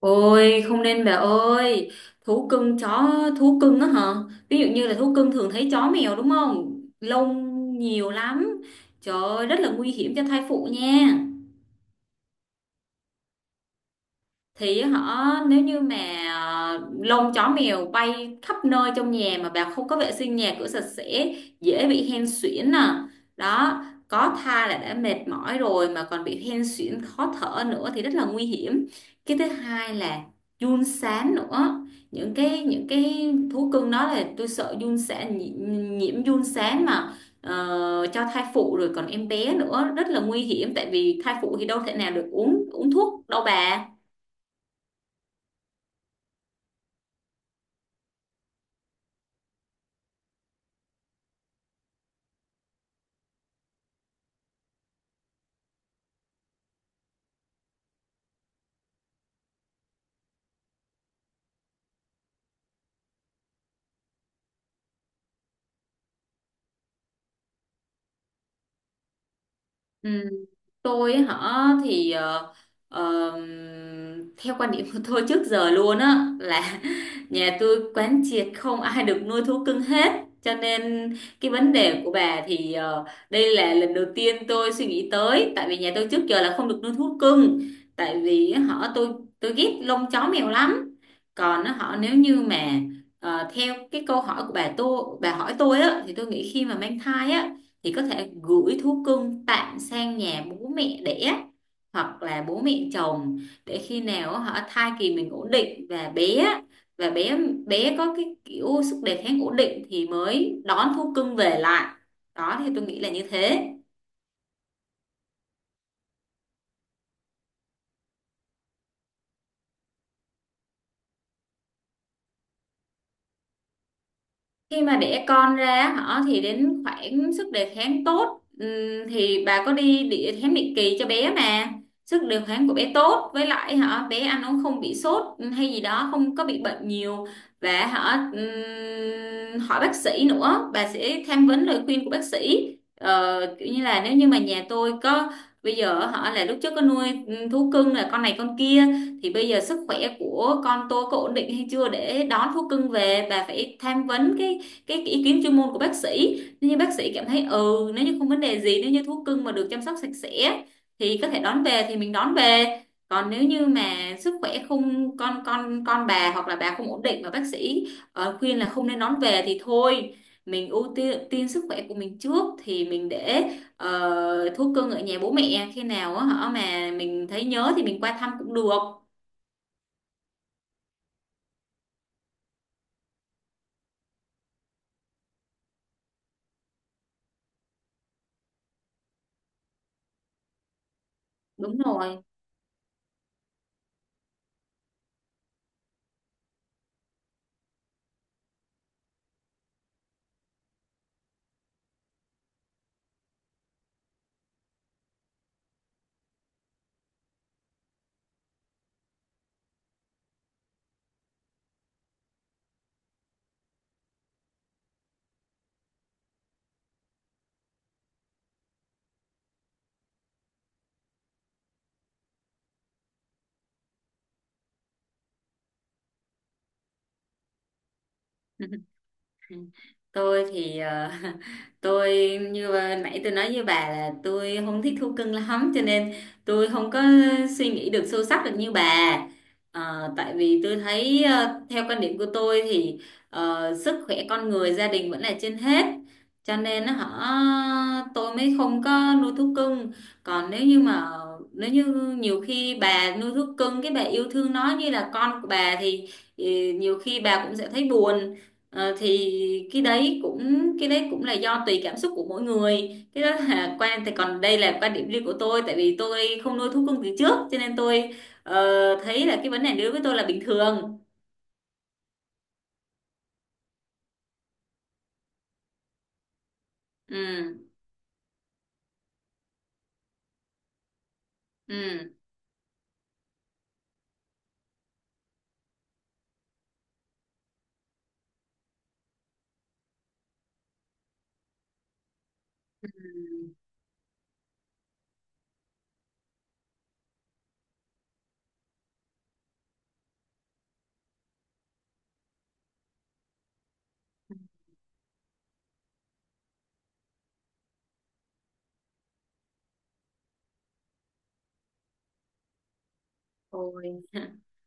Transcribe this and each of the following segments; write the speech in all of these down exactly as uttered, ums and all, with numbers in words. Ôi, không nên bà ơi. Thú cưng, chó, thú cưng á hả? Ví dụ như là thú cưng thường thấy chó mèo đúng không? Lông nhiều lắm. Trời ơi, rất là nguy hiểm cho thai phụ nha. Thì họ nếu như mà ờ, lông chó mèo bay khắp nơi trong nhà mà bà không có vệ sinh nhà cửa sạch sẽ dễ bị hen suyễn nè. Đó, có thai là đã mệt mỏi rồi mà còn bị hen suyễn khó thở nữa thì rất là nguy hiểm. Cái thứ hai là giun sán nữa. Những cái những cái thú cưng đó là tôi sợ giun sán, nhị- nhiễm giun sán mà. Ờ, cho thai phụ rồi còn em bé nữa rất là nguy hiểm, tại vì thai phụ thì đâu thể nào được uống uống thuốc đâu bà. Ừ, tôi ấy hả thì ờ, ờ, theo quan điểm của tôi trước giờ luôn á là nhà tôi quán triệt không ai được nuôi thú cưng hết. Cho nên cái vấn đề của bà thì ờ, đây là lần đầu tiên tôi suy nghĩ tới, tại vì nhà tôi trước giờ là không được nuôi thú cưng. Tại vì họ tôi tôi ghét lông chó mèo lắm. Còn họ nếu như mà ờ, theo cái câu hỏi của bà, tôi bà hỏi tôi á thì tôi nghĩ khi mà mang thai á thì có thể gửi thú cưng tạm sang nhà bố mẹ đẻ hoặc là bố mẹ chồng, để khi nào họ thai kỳ mình ổn định và bé và bé bé có cái kiểu sức đề kháng ổn định thì mới đón thú cưng về lại. Đó thì tôi nghĩ là như thế. Khi mà đẻ con ra họ thì đến khoảng sức đề kháng tốt, ừm, thì bà có đi đi khám định kỳ cho bé mà, sức đề kháng của bé tốt với lại họ bé ăn uống không bị sốt hay gì đó, không có bị bệnh nhiều và họ ừm, hỏi bác sĩ nữa, bà sẽ tham vấn lời khuyên của bác sĩ. Ờ, kiểu như là nếu như mà nhà tôi có bây giờ họ là lúc trước có nuôi ừm, thú cưng là con này con kia, thì bây giờ sức khỏe của con tôi có ổn định hay chưa để đón thú cưng về, bà phải tham vấn cái cái ý kiến chuyên môn của bác sĩ. Nếu như bác sĩ cảm thấy ừ nếu như không vấn đề gì, nếu như thú cưng mà được chăm sóc sạch sẽ thì có thể đón về thì mình đón về. Còn nếu như mà sức khỏe không con con con bà hoặc là bà không ổn định mà bác sĩ ờ, khuyên là không nên đón về thì thôi, mình ưu tiên, tiên sức khỏe của mình trước thì mình để ờ, thú cưng ở nhà bố mẹ, khi nào á hả mà mình thấy nhớ thì mình qua thăm cũng được. Đúng rồi. Ừ. Tôi thì ờ, tôi như vừa nãy tôi nói với bà là tôi không thích thú cưng lắm, cho nên tôi không có suy nghĩ được sâu sắc được như bà. Ờ, tại vì tôi thấy ờ, theo quan điểm của tôi thì ờ, sức khỏe con người, gia đình vẫn là trên hết, cho nên nó họ tôi mới không có nuôi thú cưng. Còn nếu như mà nếu như nhiều khi bà nuôi thú cưng cái bà yêu thương nó như là con của bà thì ừ, nhiều khi bà cũng sẽ thấy buồn. Ờ, thì cái đấy cũng cái đấy cũng là do tùy cảm xúc của mỗi người. Cái đó là quan, thì còn đây là quan điểm riêng của tôi, tại vì tôi không nuôi thú cưng từ trước cho nên tôi ờ, thấy là cái vấn đề này đối với tôi là bình thường. Ừ. Ừ. Ừ. Ôi.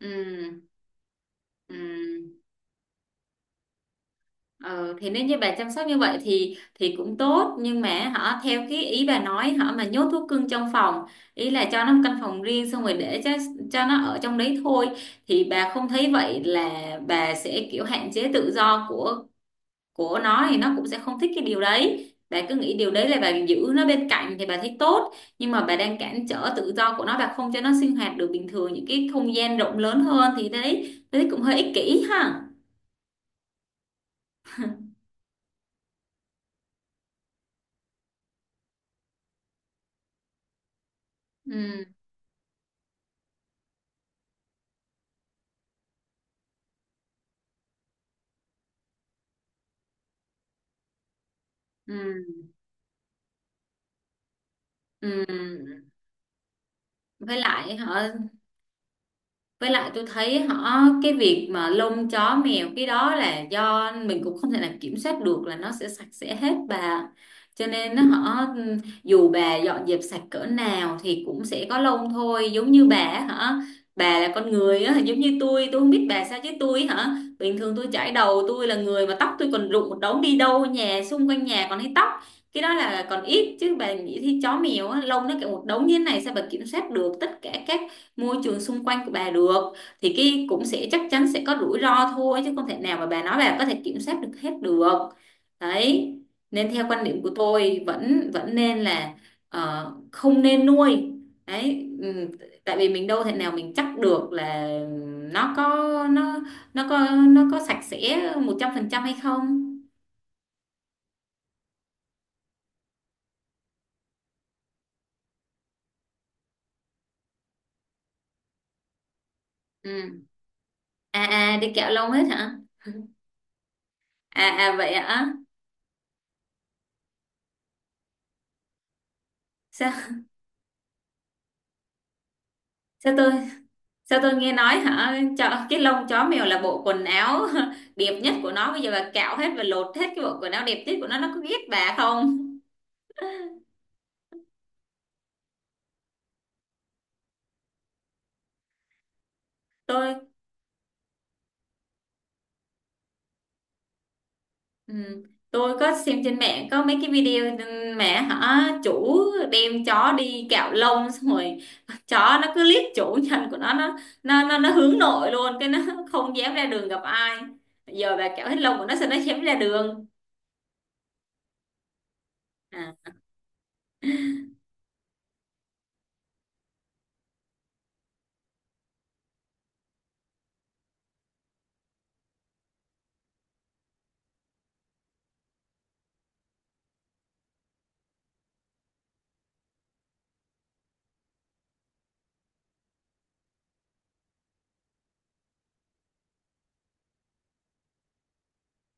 Ừ. Ừ. Ờ, thì nếu như bà chăm sóc như vậy thì thì cũng tốt, nhưng mà họ theo cái ý bà nói, họ mà nhốt thú cưng trong phòng, ý là cho nó một căn phòng riêng xong rồi để cho cho nó ở trong đấy thôi, thì bà không thấy vậy là bà sẽ kiểu hạn chế tự do của của nó, thì nó cũng sẽ không thích cái điều đấy. Bà cứ nghĩ điều đấy là bà giữ nó bên cạnh thì bà thấy tốt, nhưng mà bà đang cản trở tự do của nó, bà không cho nó sinh hoạt được bình thường những cái không gian rộng lớn hơn, thì đấy đấy cũng hơi ích kỷ ha. Ừ. Ừ. Ừ, với lại họ với lại tôi thấy họ cái việc mà lông chó mèo cái đó là do mình cũng không thể nào kiểm soát được là nó sẽ sạch sẽ hết bà. Cho nên nó họ dù bà dọn dẹp sạch cỡ nào thì cũng sẽ có lông thôi, giống như bà á, hả. Bà là con người á giống như tôi. Tôi không biết bà sao chứ tôi hả bình thường tôi chải đầu, tôi là người mà tóc tôi còn rụng một đống, đi đâu nhà xung quanh nhà còn thấy tóc. Cái đó là còn ít chứ bà nghĩ thì chó mèo á, lông nó cả một đống như thế này, sao bà kiểm soát được tất cả các môi trường xung quanh của bà được. Thì cái cũng sẽ chắc chắn sẽ có rủi ro thôi, chứ không thể nào mà bà nói bà có thể kiểm soát được hết được. Đấy, nên theo quan điểm của tôi vẫn vẫn nên là ờ, không nên nuôi đấy. Ừ, tại vì mình đâu thể nào mình chắc được là nó có nó nó có nó có sạch sẽ một trăm phần trăm hay không. Ừ. À, à, đi kẹo lông hết hả? À, à, vậy hả? Sao sao tôi Sao tôi nghe nói hả? Cho cái lông chó mèo là bộ quần áo đẹp nhất của nó. Bây giờ bà cạo hết và lột hết cái bộ quần áo đẹp nhất của nó. Nó có ghét bà không? Tôi, ừ, tôi có xem trên mạng có mấy cái video, ừ, mẹ hả? Chủ đem chó đi cạo lông xong rồi, chó nó cứ liếc chủ nhân của nó, nó nó nó, nó hướng nội luôn, cái nó không dám ra đường gặp ai. Giờ bà cạo hết lông của nó sao nó dám ra đường? À.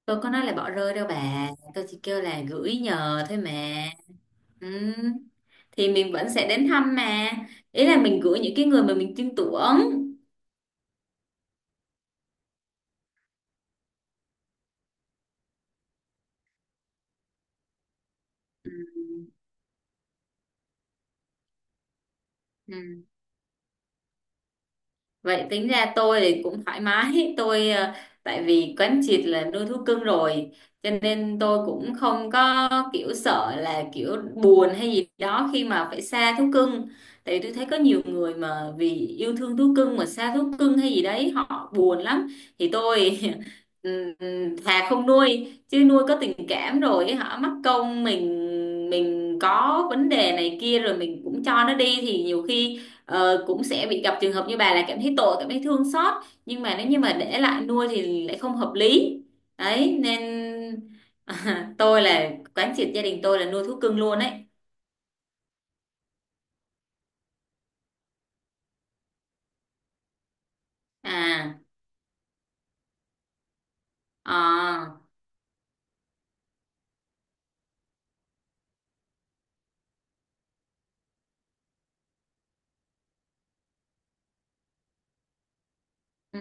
Tôi có nói là bỏ rơi đâu bà. Tôi chỉ kêu là gửi nhờ thôi mà. Ừ. Thì mình vẫn sẽ đến thăm mà. Ý là mình gửi những cái người mà mình tin tưởng. Ừ. Ừ. Vậy tính ra tôi thì cũng thoải mái, tôi ờ, tại vì quán triệt là nuôi thú cưng rồi, cho nên tôi cũng không có kiểu sợ là kiểu buồn hay gì đó khi mà phải xa thú cưng, tại vì tôi thấy có nhiều người mà vì yêu thương thú cưng mà xa thú cưng hay gì đấy họ buồn lắm. Thì tôi ừm, thà không nuôi, chứ nuôi có tình cảm rồi họ mắc công mình mình có vấn đề này kia rồi mình cũng cho nó đi thì nhiều khi, Ờ, cũng sẽ bị gặp trường hợp như bà là cảm thấy tội, cảm thấy thương xót, nhưng mà nếu như mà để lại nuôi thì lại không hợp lý đấy nên. À, tôi là quán triệt gia đình tôi là nuôi thú cưng luôn đấy. À. Ờ. Ừ.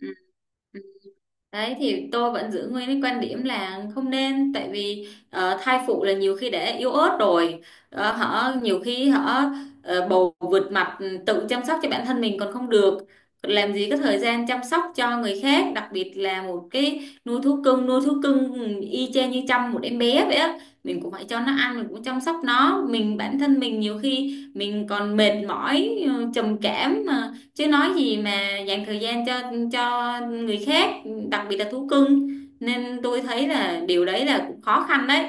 Ừ. Ừ. Đấy thì tôi vẫn giữ nguyên cái quan điểm là không nên, tại vì ờ, thai phụ là nhiều khi đã yếu ớt rồi. Ờ, họ nhiều khi họ ờ, bầu vượt mặt, ừ, tự chăm sóc cho bản thân mình còn không được, làm gì có thời gian chăm sóc cho người khác, đặc biệt là một cái nuôi thú cưng. Nuôi thú cưng ừ, y chang như chăm một em bé vậy á, mình cũng phải cho nó ăn, mình cũng chăm sóc nó, mình bản thân mình nhiều khi mình còn mệt mỏi, ờ, trầm cảm, chứ nói gì mà dành thời gian cho cho người khác, đặc biệt là thú cưng, nên tôi thấy là điều đấy là cũng khó khăn đấy.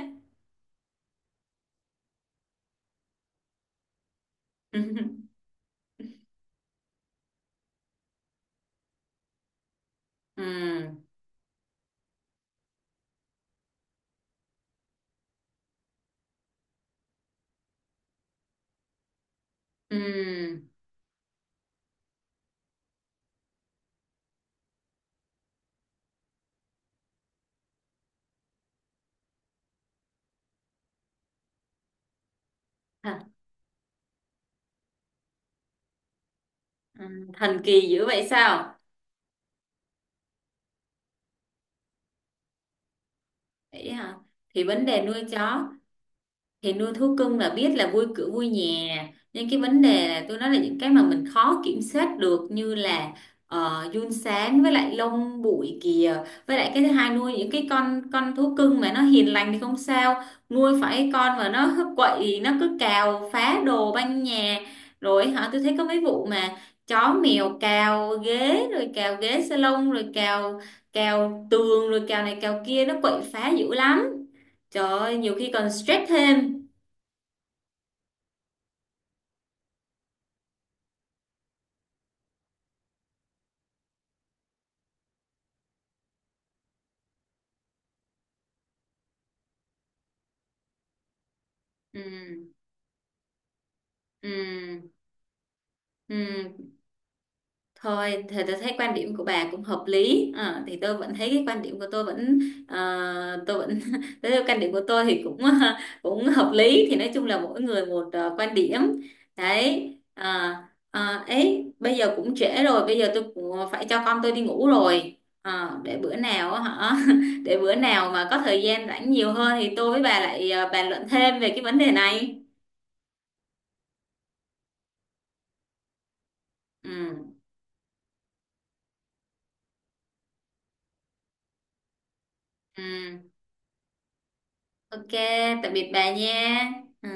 Ừ. Ừ. thật- ừ, thần kỳ dữ vậy sao? Vậy hả? Thì vấn đề nuôi chó, thì nuôi thú cưng là biết là vui cửa vui nhà, nhưng cái vấn đề là tôi nói là những cái mà mình khó kiểm soát được như là uh, giun sán, với lại lông bụi kìa, với lại cái thứ hai, nuôi những cái con con thú cưng mà nó hiền lành thì không sao. Nuôi phải cái con mà nó cứ quậy, nó cứ cào phá đồ banh nhà rồi hả. Tôi thấy có mấy vụ mà chó mèo cào ghế rồi cào ghế salon rồi cào cào tường rồi cào này cào kia, nó quậy phá dữ lắm. Trời ơi, nhiều khi còn stress thêm. Ừ. Ừ. Ừ. Thôi thì tôi thấy quan điểm của bà cũng hợp lý. Ờ, thì tôi vẫn thấy cái quan điểm của tôi vẫn, ờ, tôi vẫn tôi thấy quan điểm của tôi thì cũng cũng hợp lý. Thì nói chung là mỗi người một ờ, quan điểm đấy. À, ấy bây giờ cũng trễ rồi, bây giờ tôi cũng phải cho con tôi đi ngủ rồi. Ờ, để bữa nào á hả, để bữa nào mà có thời gian rảnh nhiều hơn thì tôi với bà lại ờ, bàn luận thêm về cái vấn đề này. Ừ. Ừ. Ok, tạm biệt bà nha. Ừ.